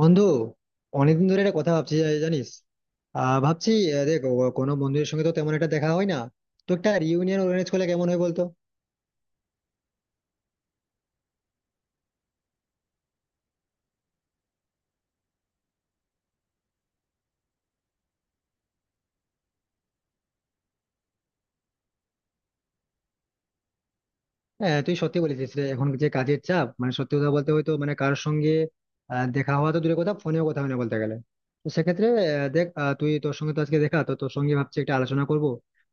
বন্ধু, অনেকদিন ধরে একটা কথা ভাবছি, জানিস। ভাবছি। দেখ, কোনো বন্ধুদের সঙ্গে তো তেমন একটা দেখা হয় না। তো একটা রিউনিয়ন অর্গানাইজ করলে কেমন হয় বলতো? হ্যাঁ, তুই সত্যি বলেছিস রে। এখন যে কাজের চাপ, মানে সত্যি কথা বলতে, হয়তো মানে কারোর সঙ্গে দেখা হওয়া তো দূরের কথা, ফোনেও কথা হয় না বলতে গেলে। তো সেক্ষেত্রে দেখ, তুই, তোর সঙ্গে তো আজকে দেখা, তো তোর সঙ্গে ভাবছি একটা আলোচনা করবো,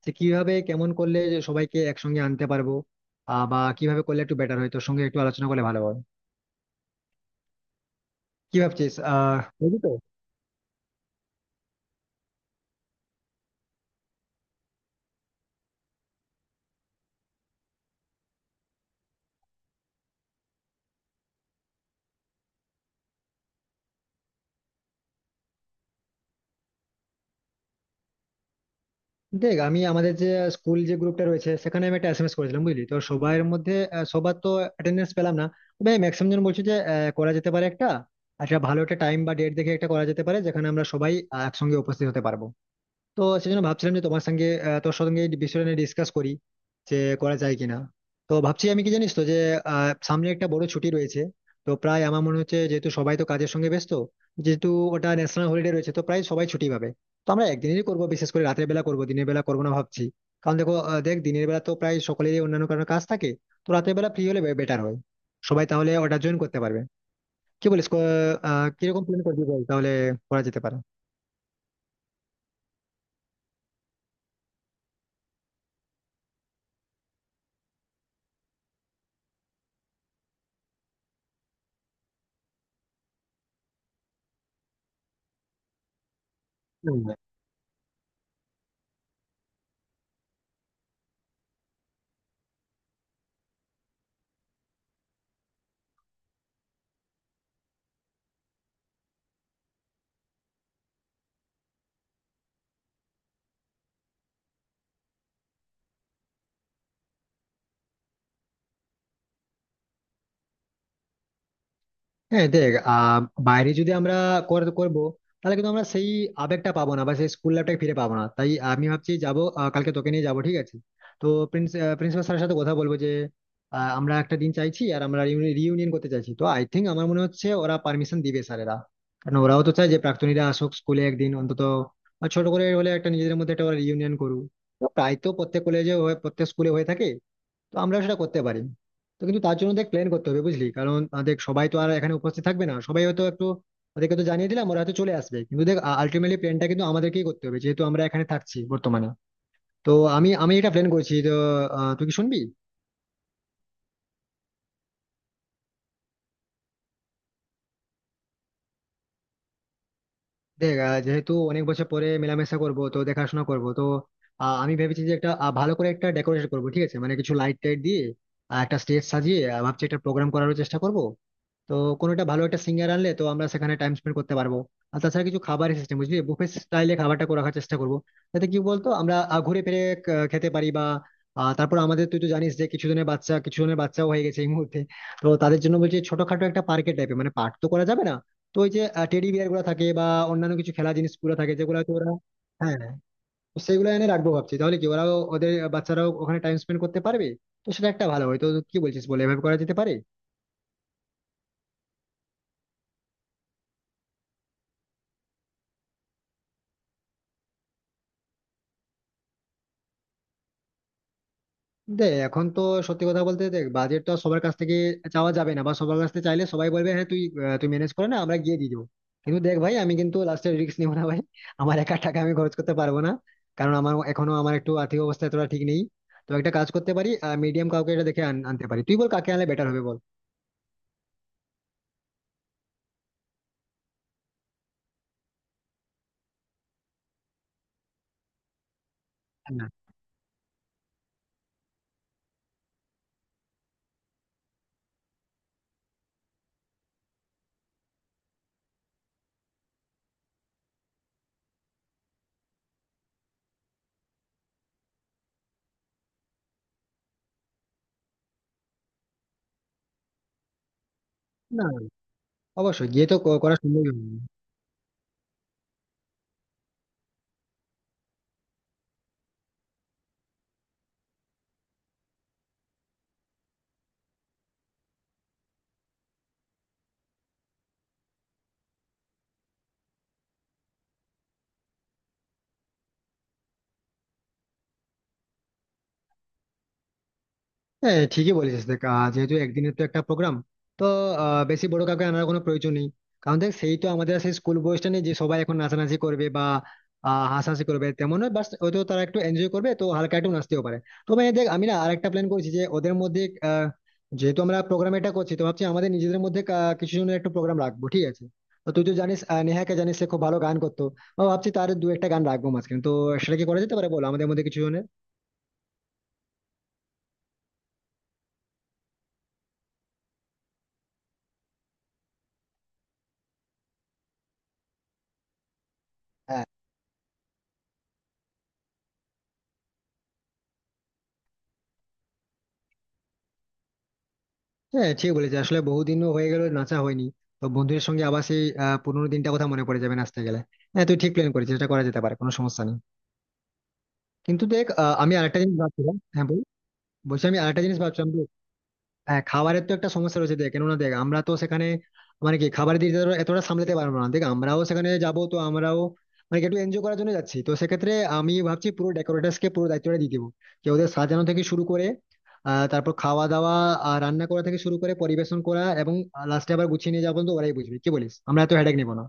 যে কিভাবে কেমন করলে যে সবাইকে একসঙ্গে আনতে পারবো। বা কিভাবে করলে একটু বেটার হয়, তোর সঙ্গে একটু আলোচনা করলে ভালো হয়। কি ভাবছিস, বুঝলি তো? দেখ, আমি আমাদের যে স্কুল, যে গ্রুপটা রয়েছে সেখানে আমি একটা এসএমএস করেছিলাম, বুঝলি তো, সবার মধ্যে। সবার তো অ্যাটেন্ডেন্স পেলাম না। তবে ম্যাক্সিমাম জন বলছে যে করা যেতে পারে একটা। আচ্ছা, ভালো একটা টাইম বা ডেট দেখে একটা করা যেতে পারে যেখানে আমরা সবাই একসঙ্গে উপস্থিত হতে পারবো। তো সেজন্য ভাবছিলাম যে তোমার সঙ্গে, তোর সঙ্গে এই বিষয়টা নিয়ে ডিসকাস করি, যে করা যায় কিনা। তো ভাবছি আমি, কি জানিস তো, যে সামনে একটা বড় ছুটি রয়েছে। তো প্রায় আমার মনে হচ্ছে, যেহেতু সবাই তো কাজের সঙ্গে ব্যস্ত, যেহেতু ওটা ন্যাশনাল হলিডে রয়েছে, তো প্রায় সবাই ছুটি পাবে। তো আমরা একদিনেরই করবো, বিশেষ করে রাতের বেলা করবো, দিনের বেলা করবো না ভাবছি। কারণ দেখো, দেখ, দিনের বেলা তো প্রায় সকলেরই অন্যান্য কারণে কাজ থাকে। তো রাতের বেলা ফ্রি হলে বেটার হয়, সবাই তাহলে ওটা জয়েন করতে পারবে। কি বলিস? ক- আহ কিরকম প্ল্যান করবি বল তাহলে, করা যেতে পারে? হ্যাঁ দেখ, বাইরে যদি আমরা করবো, তাহলে কিন্তু আমরা সেই আবেগটা পাবো না, বা সেই স্কুল লাইফটাকে ফিরে পাবো না। তাই আমি ভাবছি যাবো, কালকে তোকে নিয়ে যাবো, ঠিক আছে? তো প্রিন্সিপাল স্যারের সাথে কথা বলবো যে আমরা একটা দিন চাইছি, আর আমরা রিউনিয়ন করতে চাইছি। তো আই থিঙ্ক, আমার মনে হচ্ছে ওরা পারমিশন দিবে, স্যারেরা। কারণ ওরাও তো চায় যে প্রাক্তনীরা আসুক স্কুলে, একদিন অন্তত। আর ছোট করে হলে একটা, নিজেদের মধ্যে একটা ওরা রিউনিয়ন করুক। তো প্রায় তো প্রত্যেক কলেজে, প্রত্যেক স্কুলে হয়ে থাকে, তো আমরাও সেটা করতে পারি। তো কিন্তু তার জন্য দেখ প্ল্যান করতে হবে, বুঝলি, কারণ দেখ, সবাই তো আর এখানে উপস্থিত থাকবে না, সবাই হয়তো একটু। ওদেরকে তো জানিয়ে দিলাম, ওরা হয়তো চলে আসবে, কিন্তু দেখ আলটিমেটলি প্ল্যানটা কিন্তু আমাদেরকেই করতে হবে, যেহেতু আমরা এখানে থাকছি বর্তমানে। তো আমি আমি এটা প্ল্যান করছি, তো তুই কি শুনবি? দেখ, যেহেতু অনেক বছর পরে মেলামেশা করব, তো দেখাশোনা করব, তো আমি ভেবেছি যে একটা ভালো করে একটা ডেকোরেশন করব, ঠিক আছে, মানে কিছু লাইট টাইট দিয়ে, আর একটা স্টেজ সাজিয়ে ভাবছি একটা প্রোগ্রাম করার চেষ্টা করব। তো কোনোটা ভালো একটা সিঙ্গার আনলে তো আমরা সেখানে টাইম স্পেন্ড করতে পারবো। আর তাছাড়া কিছু খাবারের সিস্টেম, বুঝলি, বুফে স্টাইলে খাবারটা করে রাখার চেষ্টা করবো, যাতে কি বলতো আমরা ঘুরে ফিরে খেতে পারি। বা তারপর আমাদের, তুই তো জানিস যে কিছু জনের বাচ্চা, কিছু জনের বাচ্চাও হয়ে গেছে এই মুহূর্তে। তো তাদের জন্য বলছি ছোটখাটো একটা পার্কের টাইপের, মানে পার্ক তো করা যাবে না, তো ওই যে টেডি বিয়ার গুলো থাকে, বা অন্যান্য কিছু খেলা জিনিসগুলো থাকে, যেগুলো হয়তো ওরা। হ্যাঁ, হ্যাঁ, তো সেগুলো এনে রাখবো ভাবছি, তাহলে কি ওরাও, ওদের বাচ্চারাও ওখানে টাইম স্পেন্ড করতে পারবে। তো সেটা একটা ভালো হয়, তো কি বলছিস, বলে এভাবে করা যেতে পারে। দেখ এখন তো সত্যি কথা বলতে, দেখ বাজেট তো আর সবার কাছ থেকে চাওয়া যাবে না, বা সবার কাছ থেকে চাইলে সবাই বলবে হ্যাঁ তুই, তুই ম্যানেজ করে না, আমরা গিয়ে দিয়ে দিবো। কিন্তু দেখ ভাই, আমি কিন্তু লাস্টে রিস্ক নিবো না ভাই। আমার একা টাকা আমি খরচ করতে পারবো না, কারণ আমার এখনো আমার একটু আর্থিক অবস্থা এতটা ঠিক নেই। তো একটা কাজ করতে পারি, মিডিয়াম কাউকে এটা দেখে আনতে পারি। তুই বল কাকে আনলে বেটার হবে, বল। না, না, অবশ্যই গিয়ে তো করা সম্ভব হবে না। হ্যাঁ, ঠিকই বলেছিস। দেখ, যেহেতু একদিনের তো একটা প্রোগ্রাম, তো বেশি বড় কাউকে আনার কোনো প্রয়োজন নেই। কারণ দেখ, সেই তো আমাদের আর সেই স্কুল বয়সটা নেই যে সবাই এখন নাচানাচি করবে বা হাসাহাসি করবে, তেমন নয়। বাস হয়তো তারা একটু এনজয় করবে, তো হালকা একটু নাচতেও পারে। তবে দেখ, আমি না আরেকটা প্ল্যান করেছি, যে ওদের মধ্যে আহ, যেহেতু আমরা প্রোগ্রাম এটা করছি, তো ভাবছি আমাদের নিজেদের মধ্যে কিছু জনের একটু প্রোগ্রাম রাখবো, ঠিক আছে। তো তুই তো জানিস, নেহাকে জানিস, সে খুব ভালো গান করতো। বা ভাবছি তার দু একটা গান রাখবো মাঝখানে, তো সেটা কি করা যেতে পারে বল, আমাদের মধ্যে কিছু জনের। হ্যাঁ, ঠিক বলেছি আসলে, বহুদিনও হয়ে গেল নাচা হয়নি। তো বন্ধুদের সঙ্গে আবার সেই পুরোনো দিনটা কথা মনে পড়ে যাবে নাচতে গেলে। হ্যাঁ, তুই ঠিক প্ল্যান করেছিস, এটা করা যেতে পারে, কোনো সমস্যা নেই। কিন্তু দেখ, আমি আরেকটা জিনিস ভাবছিলাম, হ্যাঁ বল। বলছি, আমি আরেকটা জিনিস ভাবছিলাম। হ্যাঁ, খাবারের তো একটা সমস্যা রয়েছে দেখ, কেননা দেখ আমরা তো সেখানে মানে কি খাবারের দিকটা তো এতটা সামলাতে পারবো না। দেখ আমরাও সেখানে যাব, তো আমরাও মানে কি একটু এনজয় করার জন্য যাচ্ছি। তো সেক্ষেত্রে আমি ভাবছি পুরো ডেকোরেটার্স কে পুরো দায়িত্বটা দিয়ে দেবো, যে ওদের সাজানো থেকে শুরু করে তারপর খাওয়া দাওয়া, আর রান্না করা থেকে শুরু করে পরিবেশন করা, এবং লাস্টে আবার গুছিয়ে নিয়ে যাবো। তো ওরাই বুঝবে, কি বলিস, আমরা তো হেডেক নেবো না।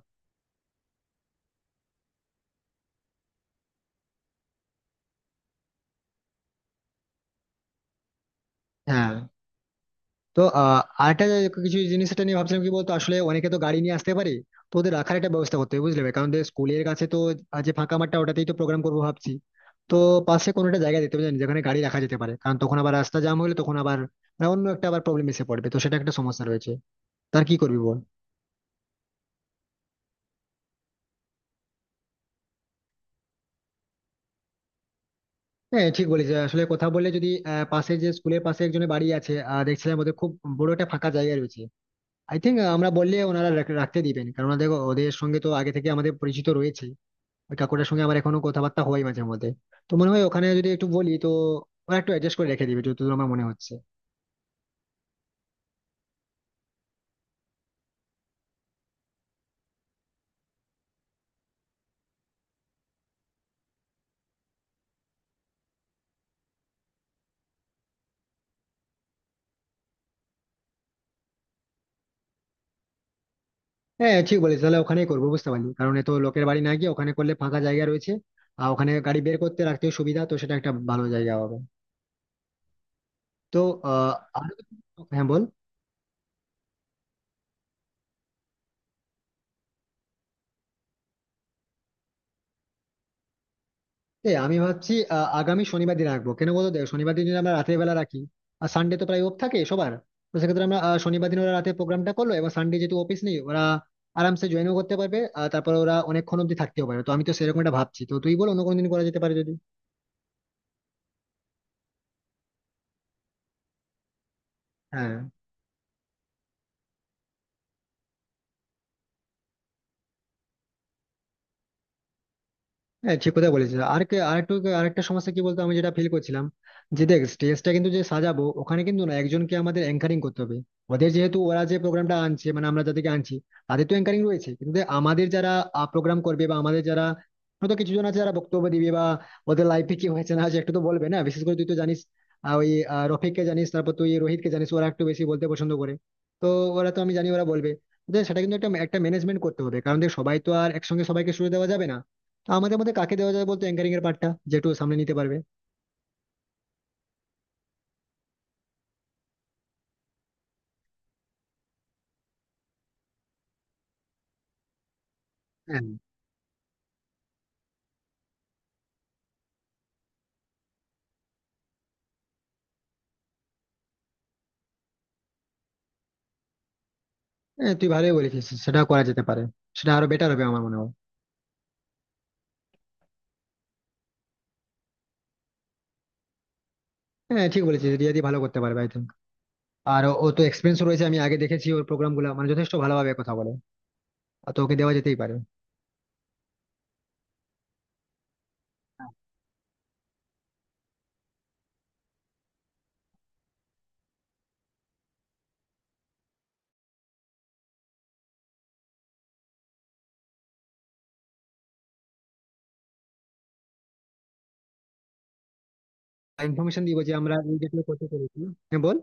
হ্যাঁ, তো আরেকটা যে কিছু জিনিস এটা নিয়ে ভাবছিলাম, কি বলতো, আসলে অনেকে তো গাড়ি নিয়ে আসতে পারে। তো ওদের রাখার একটা ব্যবস্থা করতে হবে, বুঝলে ভাই? কারণ ওদের স্কুলের কাছে তো যে ফাঁকা মাঠটা, ওটাতেই তো প্রোগ্রাম করবো ভাবছি। তো পাশে কোনো একটা জায়গা দিতে হবে জানি, যেখানে গাড়ি রাখা যেতে পারে, কারণ তখন আবার রাস্তা জ্যাম হলে তখন আবার মানে অন্য একটা আবার প্রবলেম এসে পড়বে। তো সেটা একটা সমস্যা রয়েছে, তার কি করবি বল। হ্যাঁ, ঠিক বলেছি আসলে, কথা বললে যদি পাশে যে স্কুলের পাশে একজনের বাড়ি আছে, দেখছিলাম ওদের খুব বড় একটা ফাঁকা জায়গা রয়েছে। আই থিঙ্ক আমরা বললে ওনারা রাখতে দিবেন, কারণ দেখো ওদের সঙ্গে তো আগে থেকে আমাদের পরিচিত রয়েছে। ওই কাকুটার সঙ্গে আমার এখনো কথাবার্তা হয় মাঝে মধ্যে। তো মনে হয় ওখানে যদি একটু বলি, তো ওরা একটু অ্যাডজাস্ট করে রেখে দিবে, যতদূর আমার মনে হচ্ছে। হ্যাঁ, ঠিক বলিস, তাহলে ওখানেই করবো, বুঝতে পারলি, কারণ এত লোকের বাড়ি না গিয়ে ওখানে করলে ফাঁকা জায়গা রয়েছে। আর ওখানে গাড়ি বের করতে রাখতে সুবিধা, তো সেটা একটা ভালো জায়গা হবে। তো আহ আর- হ্যাঁ বল। এই আমি ভাবছি আগামী শনিবার দিন রাখবো, কেন বলতো। দেখ শনিবার দিন যদি আমরা রাতের বেলা রাখি, আর সানডে তো প্রায় অফ থাকে সবার। তো সেক্ষেত্রে আমরা শনিবার দিন ওরা রাতে প্রোগ্রামটা করলো, এবং সানডে যেহেতু অফিস নেই, ওরা আরামসে জয়েনও করতে পারবে। আর তারপর ওরা অনেকক্ষণ অব্দি থাকতেও পারে। তো আমি তো সেরকম একটা ভাবছি, তো তুই বল অন্য কোনো দিন করা যেতে পারে যদি। হ্যাঁ, হ্যাঁ, ঠিক কথা বলেছিস। আর আরেকটু, আরেকটা সমস্যা কি বলতো আমি যেটা ফিল করছিলাম, যে দেখ স্টেজটা কিন্তু যে সাজাবো ওখানে, কিন্তু না একজনকে আমাদের অ্যাঙ্কারিং করতে হবে। ওদের যেহেতু ওরা যে প্রোগ্রামটা আনছে, মানে আমরা যাদেরকে আনছি, তাদের তো অ্যাঙ্কারিং রয়েছে, কিন্তু দেখ, আমাদের যারা প্রোগ্রাম করবে, বা আমাদের যারা হয়তো কিছু জন আছে যারা বক্তব্য দিবে, বা ওদের লাইফে কি হয়েছে না হয়েছে একটু তো বলবে না, বিশেষ করে তুই তো জানিস ওই রফিককে জানিস, তারপর তুই রোহিতকে জানিস, ওরা একটু বেশি বলতে পছন্দ করে। তো ওরা তো, আমি জানি ওরা বলবে। দেখ, সেটা কিন্তু একটা একটা ম্যানেজমেন্ট করতে হবে, কারণ দেখ সবাই তো আর একসঙ্গে সবাইকে সুযোগ দেওয়া যাবে না। তো আমাদের মধ্যে কাকে দেওয়া যায় বলতো, অ্যাঙ্কারিং এর পার্টটা যেটু সামনে নিতে পারবে। হ্যাঁ, হ্যাঁ, তুই ভালোই বলেছিস, সেটা করা যেতে পারে। সেটা আরো বেটার হবে আমার মনে হয়। হ্যাঁ, ঠিক বলেছিস, রিয়াদি ভালো করতে পারবে আই থিঙ্ক। আর ও ও তো এক্সপিরিয়েন্স রয়েছে, আমি আগে দেখেছি ওর প্রোগ্রাম গুলো, মানে যথেষ্ট ভালোভাবে কথা বলে। আর তো ওকে দেওয়া যেতেই পারে। ইনফরমেশন দিব যে আমরা এই ডেটে করতে চলেছি। হ্যাঁ বল।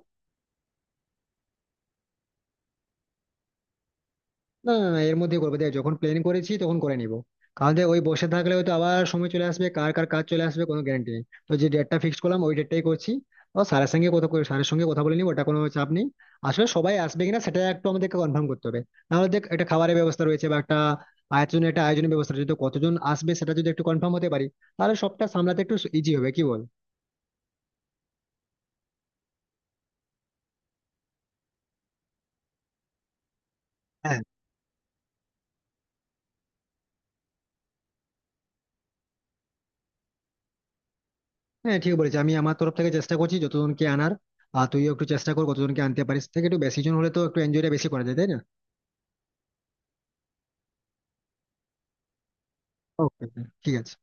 না, না, না, এর মধ্যে করবো, দেখ যখন প্ল্যান করেছি তখন করে নিবো। কারণ দেখ ওই বসে থাকলে হয়তো আবার সময় চলে আসবে, কার কার কাজ চলে আসবে কোনো গ্যারান্টি নেই। তো যে ডেটটা ফিক্স করলাম, ওই ডেটটাই করছি। ও স্যারের সঙ্গে কথা করে- স্যারের সঙ্গে কথা বলে নিবো, ওটা কোনো চাপ নেই। আসলে সবাই আসবে কিনা সেটা একটু আমাদেরকে কনফার্ম করতে হবে, নাহলে দেখ একটা খাবারের ব্যবস্থা রয়েছে, বা একটা আয়োজনের ব্যবস্থা রয়েছে, তো কতজন আসবে সেটা যদি একটু কনফার্ম হতে পারি, তাহলে সবটা সামলাতে একটু ইজি হবে, কি বল? হ্যাঁ, হ্যাঁ, ঠিক বলেছি। আমি আমার তরফ থেকে চেষ্টা করছি যতজনকে আনার, আর তুইও একটু চেষ্টা কর কতজনকে আনতে পারিস, থেকে একটু বেশি জন হলে তো একটু এনজয়টা বেশি করা যায় তাই না। ওকে, ঠিক আছে।